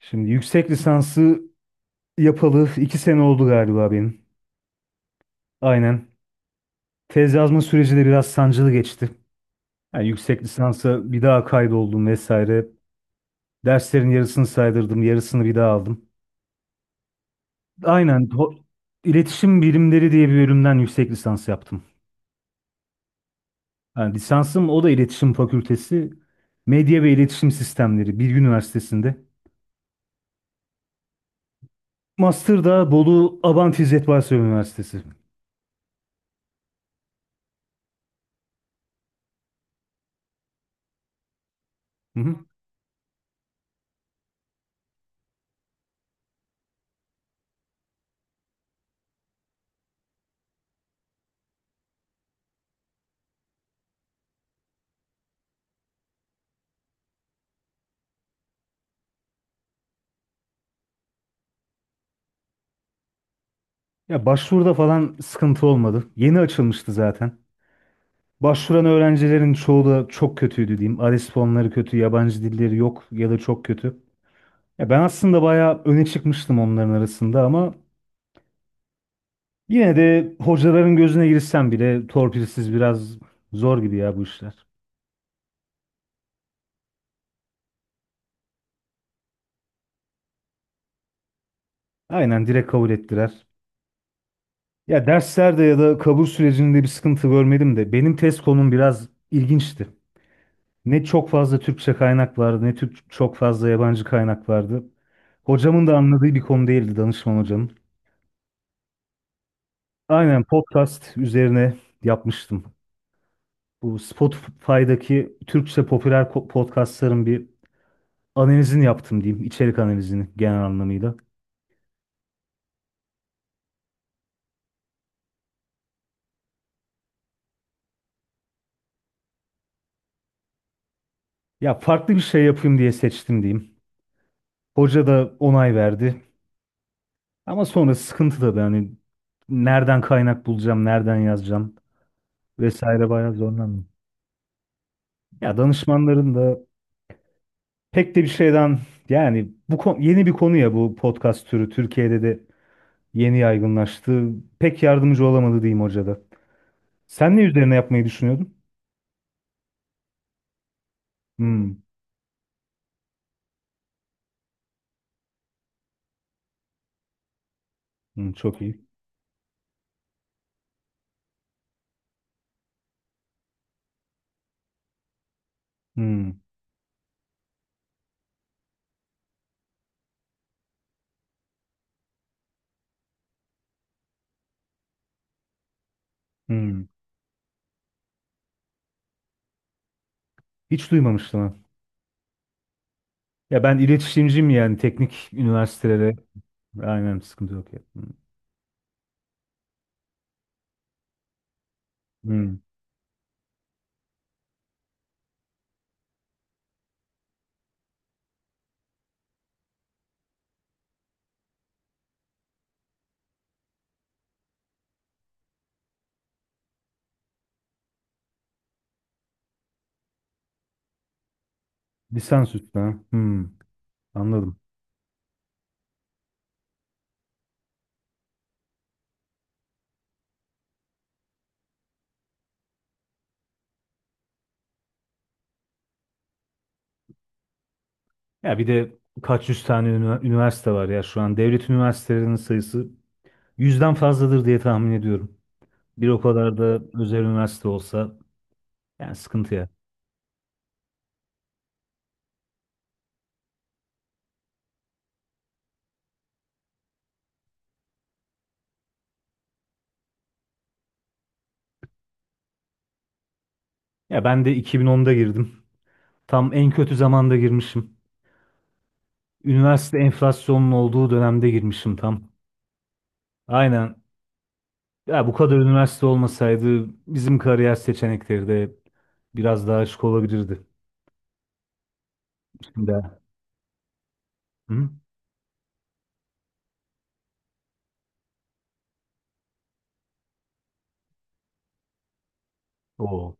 Şimdi yüksek lisansı yapalı iki sene oldu galiba benim. Aynen. Tez yazma süreci de biraz sancılı geçti. Yani yüksek lisansa bir daha kaydoldum vesaire. Derslerin yarısını saydırdım, yarısını bir daha aldım. Aynen. İletişim Bilimleri diye bir bölümden yüksek lisans yaptım. Yani lisansım, o da iletişim Fakültesi. Medya ve İletişim Sistemleri, Bilgi Üniversitesi'nde. Master da Bolu Abant İzzet Baysal Üniversitesi. Hı hı. Ya başvuruda falan sıkıntı olmadı. Yeni açılmıştı zaten. Başvuran öğrencilerin çoğu da çok kötüydü diyeyim. ALES puanları kötü, yabancı dilleri yok ya da çok kötü. Ya ben aslında bayağı öne çıkmıştım onların arasında, ama yine de hocaların gözüne girsem bile torpilsiz biraz zor gibi ya bu işler. Aynen, direkt kabul ettiler. Ya derslerde ya da kabul sürecinde bir sıkıntı görmedim de benim test konum biraz ilginçti. Ne çok fazla Türkçe kaynak vardı ne Türk çok fazla yabancı kaynak vardı. Hocamın da anladığı bir konu değildi, danışman hocanın. Aynen, podcast üzerine yapmıştım. Bu Spotify'daki Türkçe popüler podcastların bir analizini yaptım diyeyim. İçerik analizini, genel anlamıyla. Ya farklı bir şey yapayım diye seçtim diyeyim. Hoca da onay verdi. Ama sonra sıkıntı tabii, hani nereden kaynak bulacağım, nereden yazacağım vesaire, bayağı zorlandım. Ya danışmanların da pek de bir şeyden, yani bu yeni bir konu, ya bu podcast türü Türkiye'de de yeni yaygınlaştı. Pek yardımcı olamadı diyeyim hoca da. Sen ne üzerine yapmayı düşünüyordun? Hmm, çok iyi. Hmm. Hmm. Hiç duymamıştım ha. Ya ben iletişimciyim, yani teknik üniversitelere. Aynen, sıkıntı yok ya. Hmm. Hmm. Lisans üstü ha. Anladım. Ya bir de kaç yüz tane üniversite var ya şu an. Devlet üniversitelerinin sayısı yüzden fazladır diye tahmin ediyorum. Bir o kadar da özel üniversite olsa, yani sıkıntı ya. Ya ben de 2010'da girdim. Tam en kötü zamanda girmişim. Üniversite enflasyonun olduğu dönemde girmişim tam. Aynen. Ya bu kadar üniversite olmasaydı bizim kariyer seçenekleri de biraz daha açık olabilirdi. Şimdi. Hı? Oo.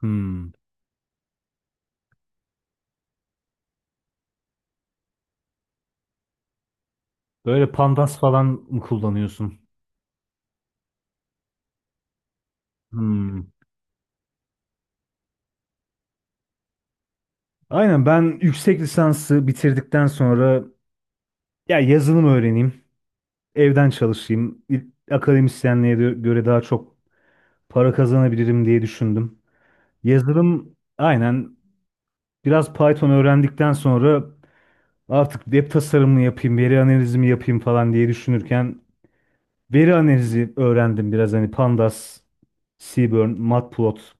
Hmm. Böyle Pandas falan mı kullanıyorsun? Hmm. Aynen, ben yüksek lisansı bitirdikten sonra ya yazılım öğreneyim, evden çalışayım, akademisyenliğe göre daha çok para kazanabilirim diye düşündüm. Yazılım, aynen, biraz Python öğrendikten sonra artık web tasarımını yapayım, veri analizimi yapayım falan diye düşünürken, veri analizi öğrendim biraz, hani Pandas, Seaborn, Matplot.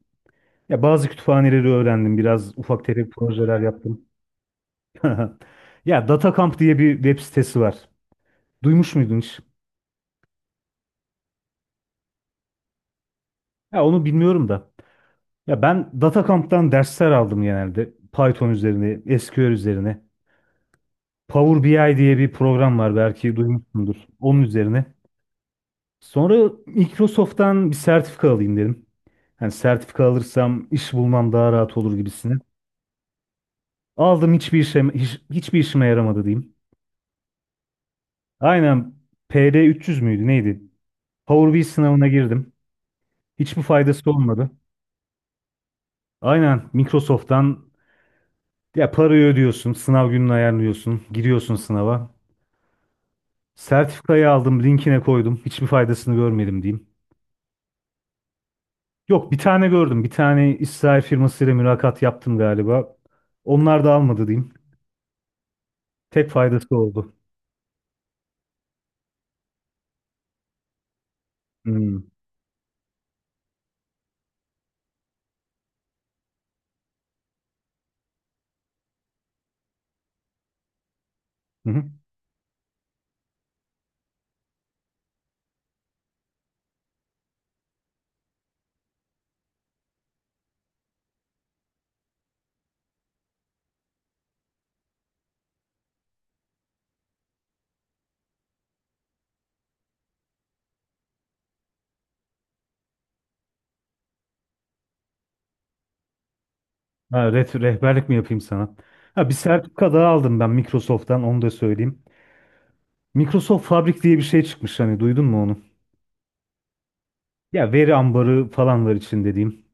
Ya bazı kütüphaneleri öğrendim. Biraz ufak tefek projeler yaptım. Ya DataCamp diye bir web sitesi var. Duymuş muydun hiç? Ya onu bilmiyorum da. Ya ben DataCamp'tan dersler aldım genelde. Python üzerine, SQL üzerine. Power BI diye bir program var, belki duymuşsundur. Onun üzerine. Sonra Microsoft'tan bir sertifika alayım dedim. Hani sertifika alırsam iş bulmam daha rahat olur gibisine. Aldım, hiçbir işime yaramadı diyeyim. Aynen, PD300 müydü neydi? Power BI sınavına girdim. Hiçbir faydası olmadı. Aynen Microsoft'tan, ya parayı ödüyorsun, sınav gününü ayarlıyorsun, giriyorsun sınava. Sertifikayı aldım, linkine koydum. Hiçbir faydasını görmedim diyeyim. Yok, bir tane gördüm. Bir tane İsrail firmasıyla mülakat yaptım galiba. Onlar da almadı diyeyim. Tek faydası oldu. Hmm. Hı hı. Ha, rehberlik mi yapayım sana? Ha, bir sertifika daha aldım ben Microsoft'tan, onu da söyleyeyim. Microsoft Fabric diye bir şey çıkmış, hani duydun mu onu? Ya veri ambarı falan var için dediğim.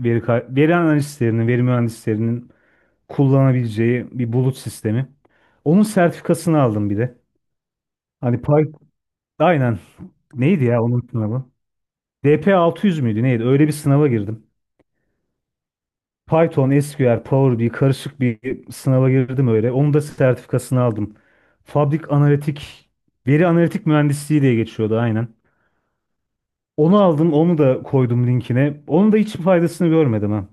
Veri, veri analistlerinin, veri mühendislerinin kullanabileceği bir bulut sistemi. Onun sertifikasını aldım bir de. Hani Python, aynen, neydi ya onun sınavı? DP600 müydü neydi? Öyle bir sınava girdim. Python, SQL, Power BI karışık bir sınava girdim öyle. Onun da sertifikasını aldım. Fabrik analitik, veri analitik mühendisliği diye geçiyordu aynen. Onu aldım, onu da koydum linkine. Onun da hiç faydasını görmedim ha.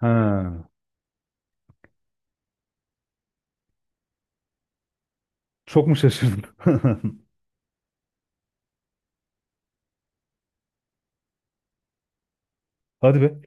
Ha, çok mu şaşırdın? Hadi be.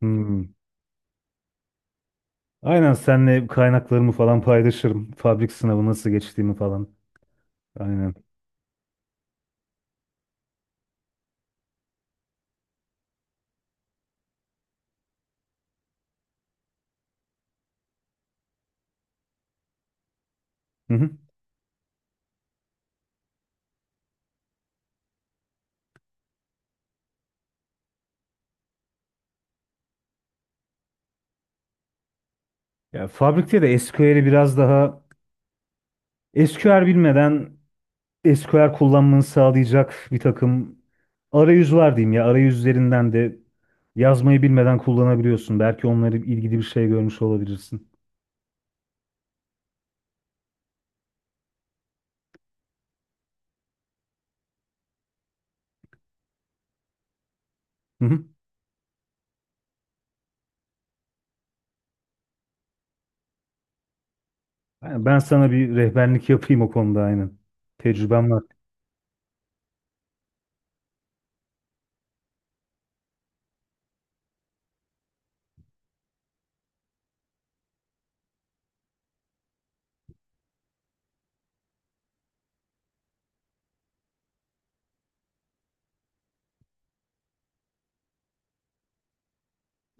Hmm. Aynen, senle kaynaklarımı falan paylaşırım. Fabrik sınavı nasıl geçtiğimi falan. Aynen. Hı hı. Ya fabrikte de SQL'i biraz daha, SQL bilmeden SQL kullanmanı sağlayacak bir takım arayüz var diyeyim ya. Arayüzlerinden de yazmayı bilmeden kullanabiliyorsun. Belki onları ilgili bir şey görmüş olabilirsin. Hı hı. Yani ben sana bir rehberlik yapayım o konuda, aynen. Tecrübem var.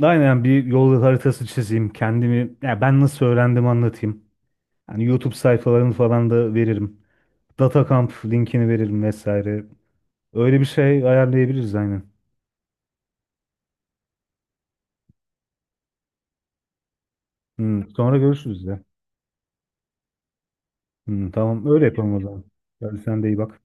Aynen, bir yol haritası çizeyim. Kendimi, ya ben nasıl öğrendim anlatayım. Yani YouTube sayfalarını falan da veririm. DataCamp linkini veririm vesaire. Öyle bir şey ayarlayabiliriz aynen. Hı, sonra görüşürüz de. Hı, tamam, öyle yapalım o zaman. Hadi sen de iyi bak.